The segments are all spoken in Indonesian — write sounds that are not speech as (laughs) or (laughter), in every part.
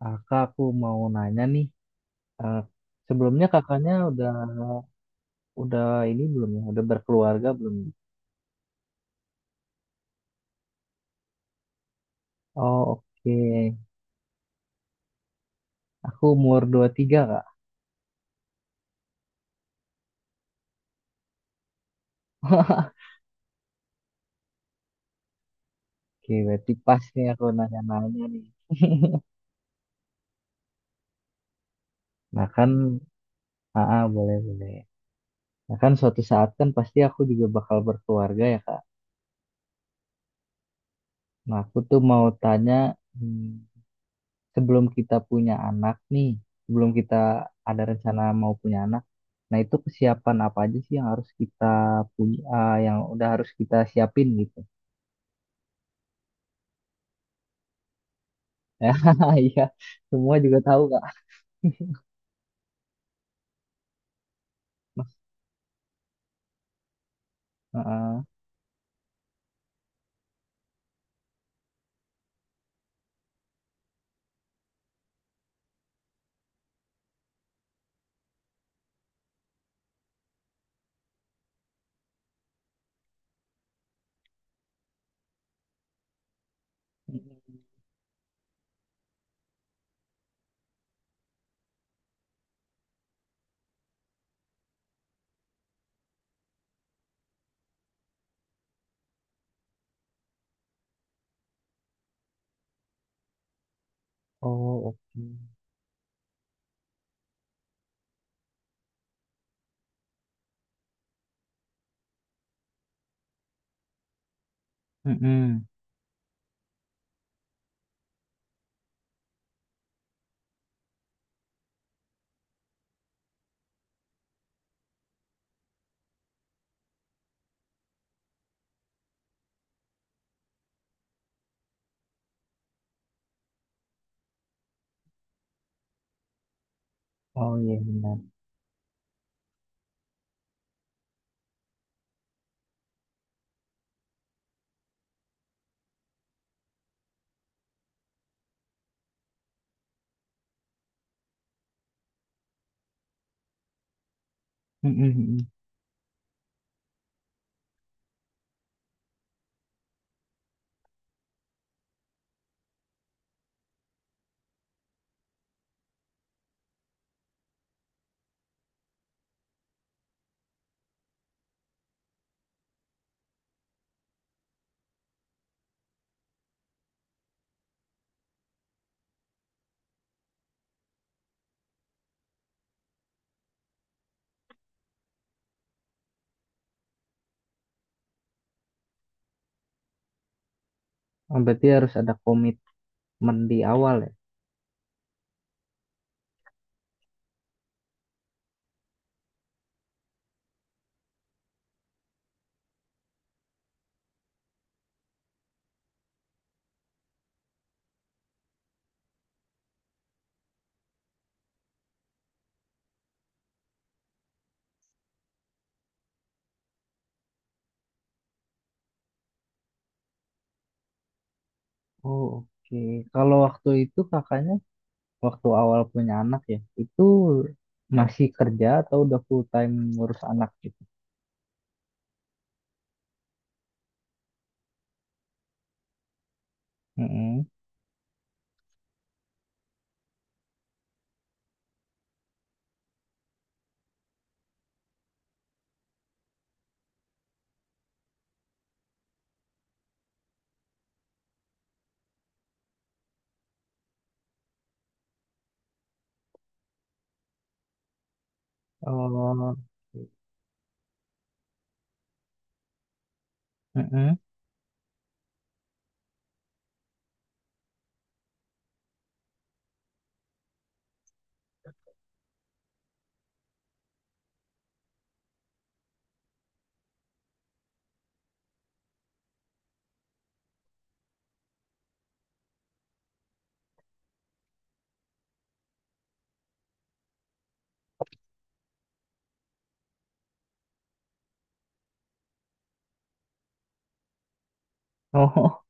Kakak, aku mau nanya nih, eh, sebelumnya kakaknya udah ini belum ya? Udah berkeluarga belum? Oh oke. Aku umur 23 kak. (laughs) Oke, berarti pas nih aku nanya-nanya nih. Nah kan, boleh boleh. Nah kan suatu saat kan pasti aku juga bakal berkeluarga ya kak. Nah aku tuh mau tanya, hmm, sebelum kita punya anak nih, sebelum kita ada rencana mau punya anak, nah itu kesiapan apa aja sih yang harus kita punya, yang udah harus kita siapin gitu? (laughs) Ya, iya, semua juga tahu kak. (laughs) Mas, heeh. Oh oke. Mm-mm. Oh iya benar. Mm-mm, mm-mm. Oh, berarti harus ada komitmen di awal ya. Oh oke. Kalau waktu itu kakaknya waktu awal punya anak ya, itu masih kerja atau udah full time ngurus anak gitu? Mm-mm. Oh, mm-mm. Oh,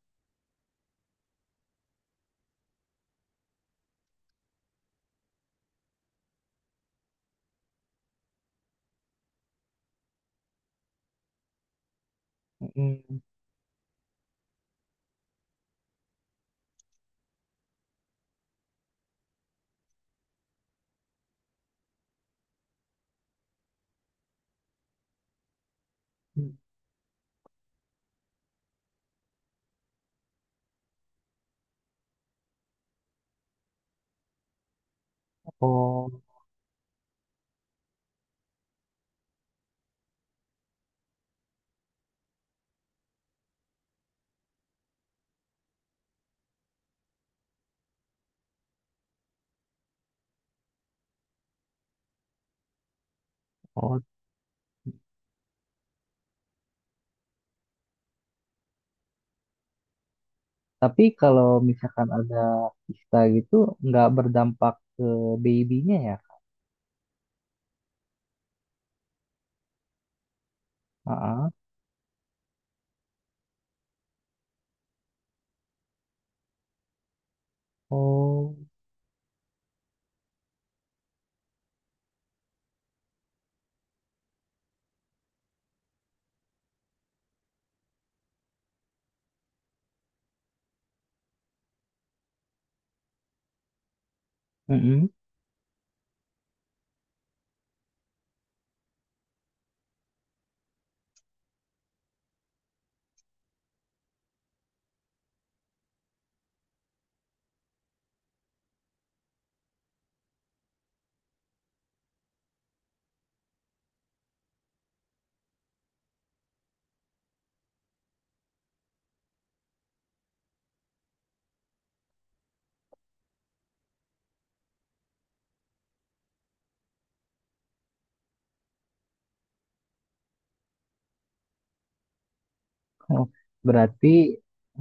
(laughs) mm-mm. Oh, oh. Tapi kalau misalkan ada kista gitu, nggak berdampak ke babynya ya? Heeh. Oh, mm-mm. Oh, berarti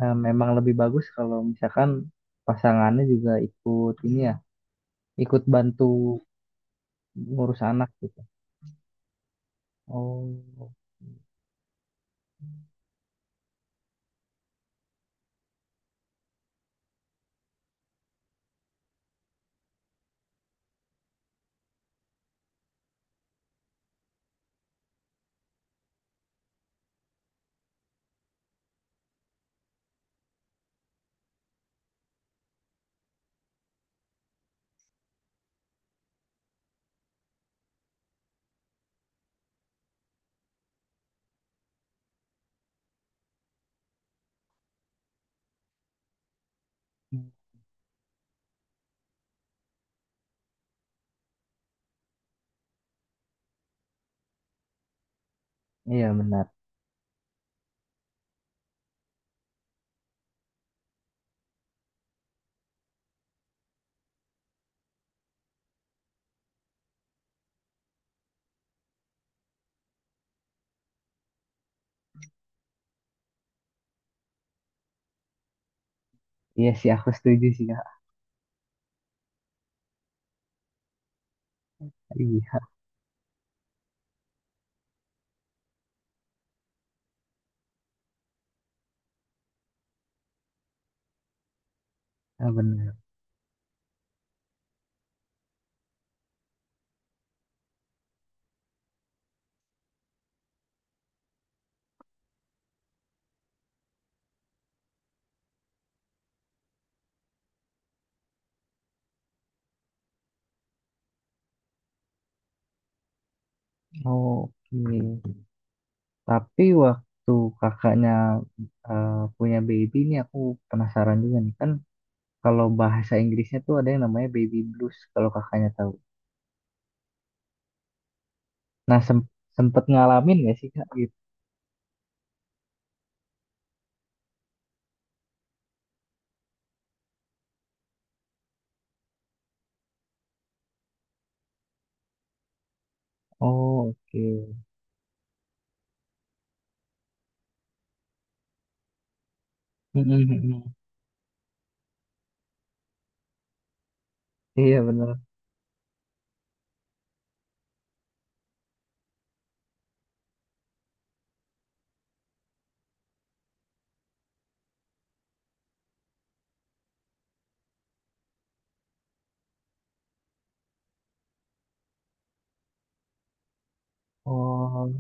memang lebih bagus kalau misalkan pasangannya juga ikut ini ya, ikut bantu ngurus anak gitu. Oh, mm. Iya benar. Iya sih, aku setuju sih kak. Iya, benar. Oke. Tapi waktu kakaknya punya baby ini aku penasaran juga nih kan kalau bahasa Inggrisnya tuh ada yang namanya baby blues kalau kakaknya tahu. Nah sem- Sempet ngalamin gak sih kak gitu? Oh oke. Mm-mm, mm-mm. Iya benar. Oh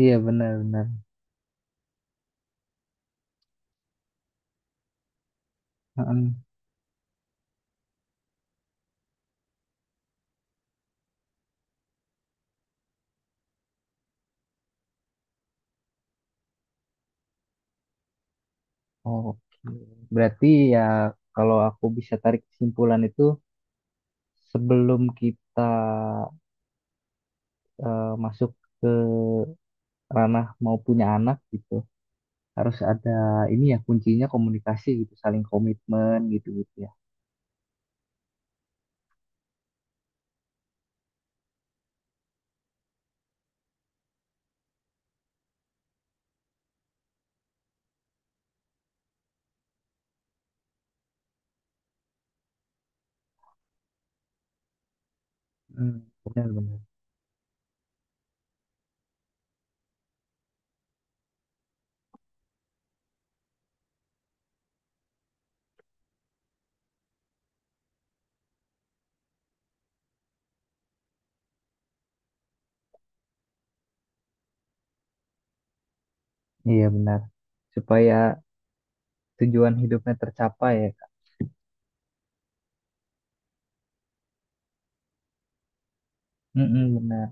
iya benar-benar. Oke. Berarti ya kalau aku bisa tarik kesimpulan itu sebelum kita masuk ke ranah mau punya anak gitu. Harus ada ini ya kuncinya komunikasi gitu, saling komitmen gitu-gitu ya. Hmm, benar-benar. Iya benar. Supaya tujuan hidupnya tercapai ya, Kak. Mm-mm, benar.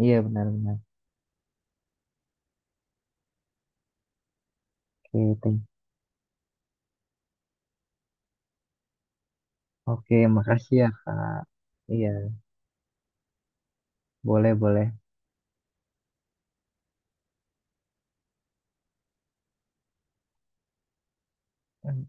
Iya benar-benar. Oke, thank- Oke, makasih ya, Kak. Iya, boleh-boleh.